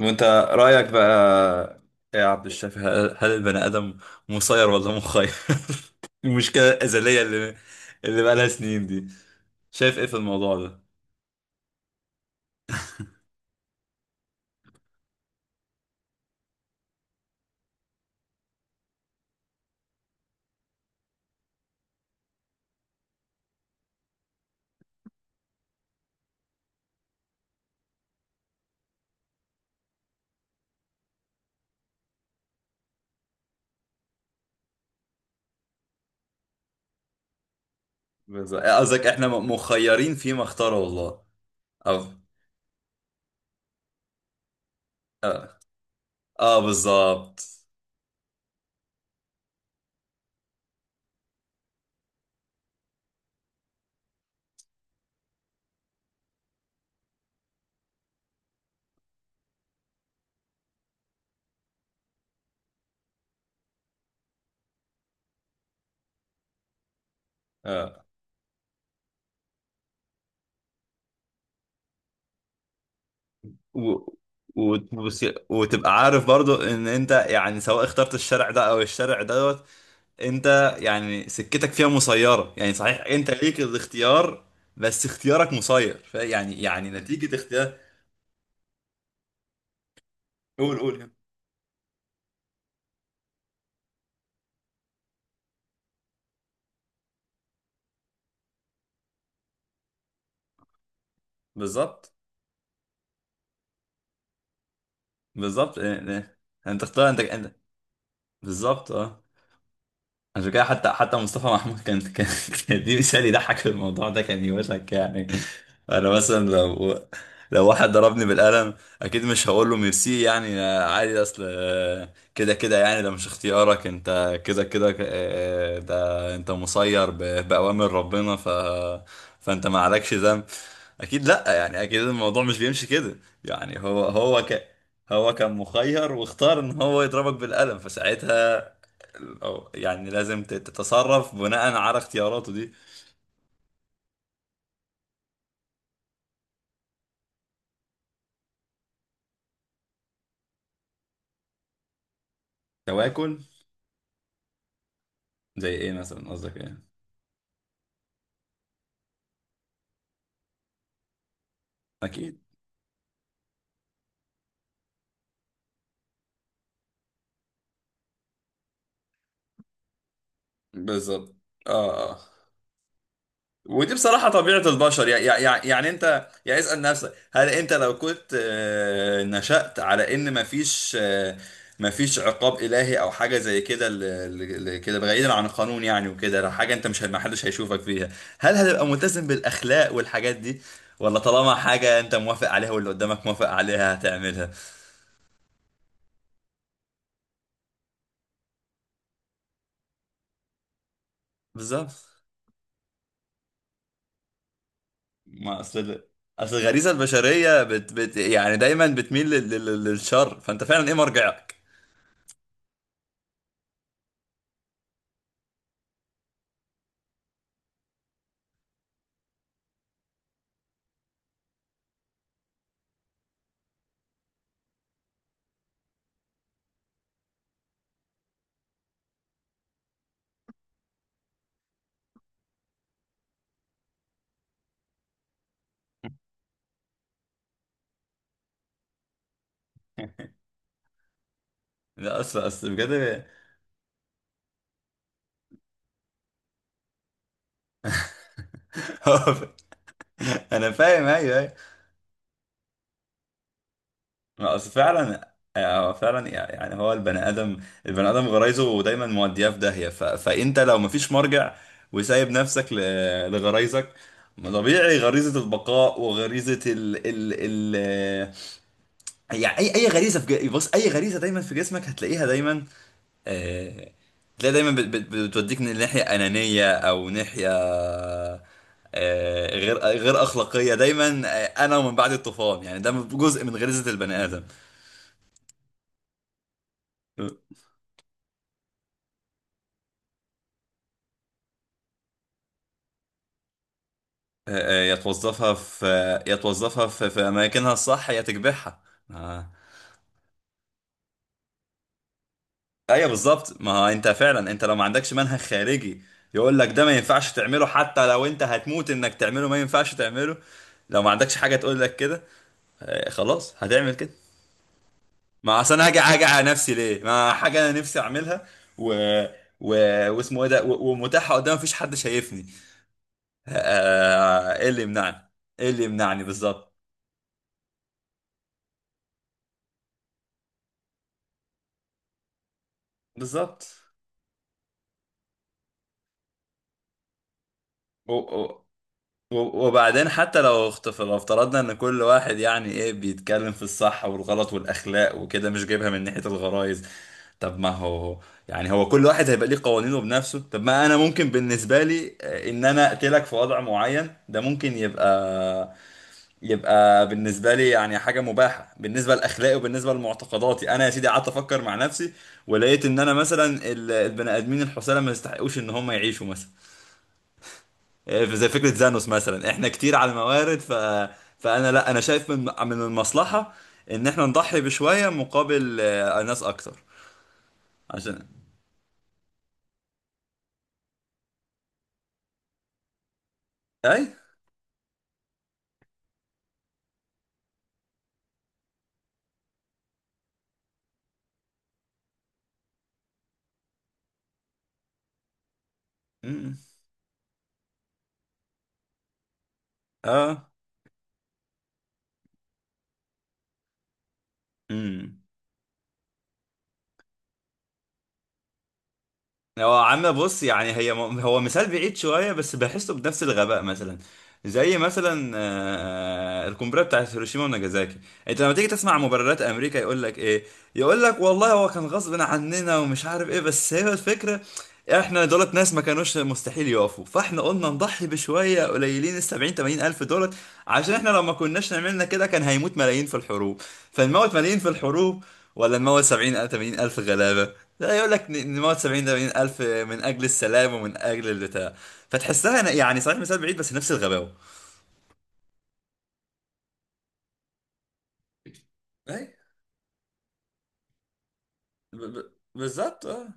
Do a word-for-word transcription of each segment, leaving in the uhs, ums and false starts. وانت رأيك بقى إيه يا عبد الشافي هل هل البني آدم مسير ولا مخير؟ المشكلة الأزلية اللي اللي بقى لها سنين دي شايف ايه في الموضوع ده؟ بالظبط إيه قصدك احنا م- مخيرين فيما اختاره الله او اه, آه بالظبط اه و... وت- وتبقى عارف برضو ان انت يعني سواء اخترت الشرع ده او الشرع دوت، انت يعني سكتك فيها مسيرة، يعني صحيح انت ليك الاختيار بس اختيارك مسير فيعني يعني يعني نتيجة اختيار. قول قول. بالظبط. بالظبط، اه، اه. انت اختار، انت انت بالظبط اه. عشان كده حتى حتى مصطفى محمود كان كان كان دي مثال يضحك في الموضوع ده، كان يوشك يعني. انا مثلا لو لو واحد ضربني بالقلم اكيد مش هقول له ميرسي يعني عادي، اصل آه، كده كده يعني ده مش اختيارك انت كده كده، آه، ده انت مسير ب- باوامر ربنا ف فانت ما عليكش ذنب. اكيد لا، يعني اكيد الموضوع مش بيمشي كده. يعني هو هو ك هو كان مخير واختار ان هو يضربك بالقلم، فساعتها أو يعني لازم تت- تتصرف بناء على اختياراته دي. تواكل. زي ايه مثلا، قصدك ايه؟ اكيد. بالظبط اه، اه. ودي بصراحة طبيعة البشر، يعني يعني, يعني انت يعني اسأل نفسك، هل انت لو كنت آه، نشأت على ان مفيش آه، مفيش عقاب إلهي او حاجة زي كده، ل- ل- ل- كده بعيدا عن القانون يعني، وكده لو حاجة انت مش، ما حدش هيشوفك فيها، هل هتبقى ملتزم بالأخلاق والحاجات دي، ولا طالما حاجة انت موافق عليها واللي قدامك موافق عليها هتعملها؟ بالظبط. ما اصل اصل الغريزه البشريه بت بت يعني دايما بتميل لل لل للشر فانت فعلا ايه مرجعك؟ لا اصل اصل بجد انا فاهم، ايوه ايوه. ما اصل فعلا هو فعلا، يعني هو البني ادم، البني ادم غرايزه دايما مودياه في داهيه. ف... فانت لو مفيش مرجع، وسايب نفسك ل... لغرايزك، ما طبيعي غريزه البقاء وغريزه ال ال ال يعني اي اي غريزه في ج... بص، اي غريزه دايما في جسمك هتلاقيها دايما. آه، تلاقي دايما بت- بت- بتوديك ناحية أنانية أو ناحية آه، غير غير أخلاقية دايما. آه، أنا، ومن بعد الطوفان، يعني ده جزء من غريزة البني آدم. آه، آه، يا توظفها في يا توظفها في، في أماكنها الصح يا تكبحها. آه. أيوه بالظبط. ما هو أنت فعلا، أنت لو ما عندكش منهج خارجي يقول لك ده ما ينفعش تعمله، حتى لو أنت هتموت إنك تعمله ما ينفعش تعمله، لو ما عندكش حاجة تقول لك كده، آه، خلاص هتعمل كده. ما اصل انا هاجي هاجي على نفسي ليه، ما حاجه انا نفسي اعملها، و و واسمه ايه ده، و- ومتاحه قدام، مفيش حد شايفني. آه، آه، ايه اللي يمنعني؟ ايه اللي يمنعني بالظبط؟ بالظبط. و- و- و- وبعدين حتى لو اخت- لو افترضنا ان كل واحد، يعني ايه، بيتكلم في الصح والغلط والاخلاق وكده مش جايبها من ناحيه الغرائز، طب ما هو يعني هو كل واحد هيبقى ليه قوانينه بنفسه. طب ما انا ممكن بالنسبه لي آه، ان انا اقتلك في وضع معين، ده ممكن يبقى، يبقى بالنسبة لي يعني حاجة مباحة بالنسبة لأخلاقي وبالنسبة لمعتقداتي. أنا يا سيدي قعدت أفكر مع نفسي ولقيت إن أنا مثلا ال- البني آدمين الحسالة ما يستحقوش إن هم يعيشوا مثلا، إيه، زي فكرة زانوس مثلا، إحنا كتير على الموارد. ف... فأنا لا، أنا شايف من من المصلحة إن إحنا نضحي بشوية مقابل آه، ناس أكتر. عشان. أي. أمم. أه. أمم. هو عم بص يعني هي هو مثال بعيد شوية بس بحسه بنفس الغباء. مثلا زي مثلا آه، القنبلة بتاعت هيروشيما وناجازاكي، انت لما تيجي تسمع مبررات امريكا يقول لك ايه؟ يقول لك والله هو كان غصب عننا ومش عارف ايه، بس هي الفكرة، احنا دولت ناس ما كانوش مستحيل يقفوا، فاحنا قلنا نضحي بشوية قليلين، ال سبعين ثمانين الف دولت، عشان احنا لو ما كناش نعملنا كده كان هيموت ملايين في الحروب. فنموت ملايين في الحروب ولا نموت سبعين ثمانين الف غلابة؟ لا، يقول لك ن- نموت سبعين ثمانين الف من اجل السلام ومن اجل البتاع. فتحسها يعني صحيح مثال بعيد بس نفس الغباوه. اي ب- ب- بالظبط اه.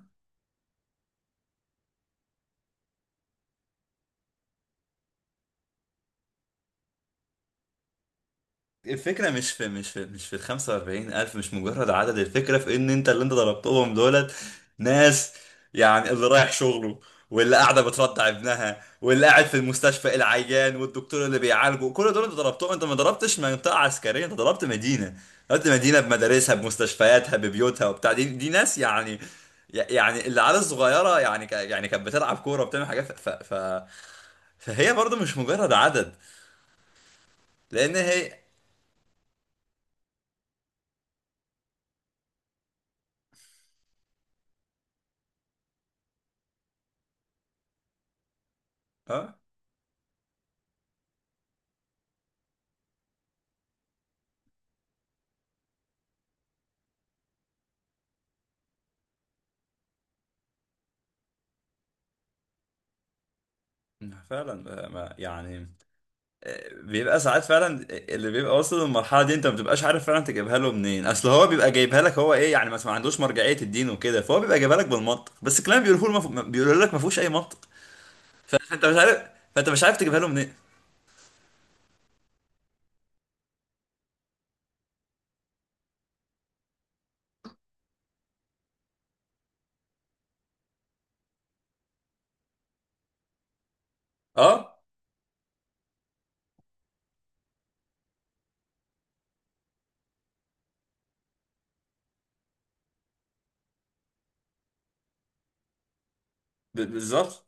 الفكرة مش في مش في مش في ال خمسة وأربعين ألف، مش مجرد عدد. الفكرة في إن أنت اللي أنت ضربتهم دولت ناس يعني، اللي رايح شغله واللي قاعدة بترضع ابنها واللي قاعد في المستشفى العيان والدكتور اللي بيعالجه، كل دول أنت ضربتهم. أنت ما ضربتش منطقة عسكرية، أنت ضربت مدينة. ضربت مدينة بمدارسها بمستشفياتها ببيوتها وبتاع، دي دي ناس يعني، يعني العيال الصغيرة يعني ك- يعني كانت بتلعب كورة وبتعمل حاجات. ف... ف... ف... فهي برضه مش مجرد عدد، لأن هي. اه فعلا. آه، ما يعني آه، بيبقى ساعات فعلا آه، اللي بيبقى واصل للمرحله دي انت ما بتبقاش عارف فعلا تجيبها له منين، اصل هو بيبقى جايبها لك، هو ايه يعني مثلا ما عندوش مرجعيه الدين وكده، فهو بيبقى جايبها لك بالمنطق، بس الكلام بيقوله له مف... بيقول لك ما فيهوش اي منطق، فانت مش عارف، فانت مش عارف تجيبها له منين. اه ب- بالظبط.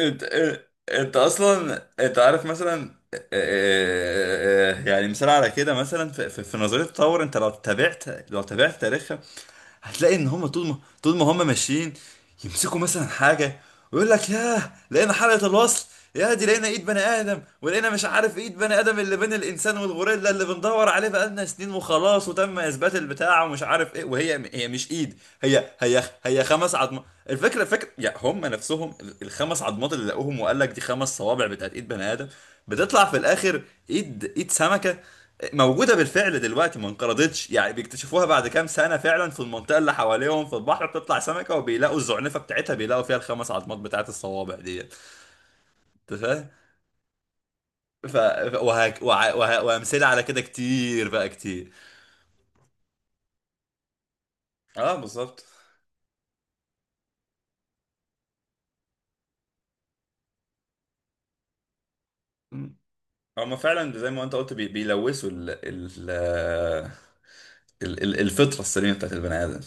انت آه، انت اصلا انت عارف مثلا آه، آه، آه، اه، اه، يعني مثال على كده مثلا في, في في نظريه التطور، انت لو تابعت، لو تابعت تاريخ هتلاقي ان هم طول ما طول ما هم ماشيين يمسكوا مثلا حاجه ويقول لك ياه لقينا حلقه الوصل، يا دي لقينا ايد بني ادم، ولقينا مش عارف ايد بني ادم اللي بين الانسان والغوريلا اللي بندور عليه بقالنا سنين، وخلاص وتم اثبات البتاع ومش عارف ايه، وهي هي مش ايد، هي هي هي خمس عظمات. الفكره فكره يعني هم نفسهم ال- الخمس عظمات اللي لقوهم وقال لك دي خمس صوابع بتاعت ايد بني ادم، بتطلع في الاخر ايد ايد سمكه موجودة بالفعل دلوقتي ما انقرضتش، يعني بيكتشفوها بعد كام سنة فعلا في المنطقة اللي حواليهم في البحر، بتطلع سمكة وبيلاقوا الزعنفة بتاعتها بيلاقوا فيها الخمس عظمات بتاعت الصوابع ديت. انت فاهم؟ ف... ف- وهك... وع... وه... وأمثلة على كده كتير بقى كتير. اه بالظبط. مم. هما فعلا زي ما انت قلت بي... بيلوثوا ال... ال... ال... ال- الفطرة السليمة بتاعت البني آدم.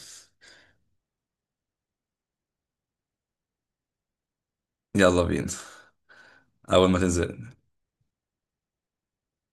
يلا بينا. أول ما تنزل.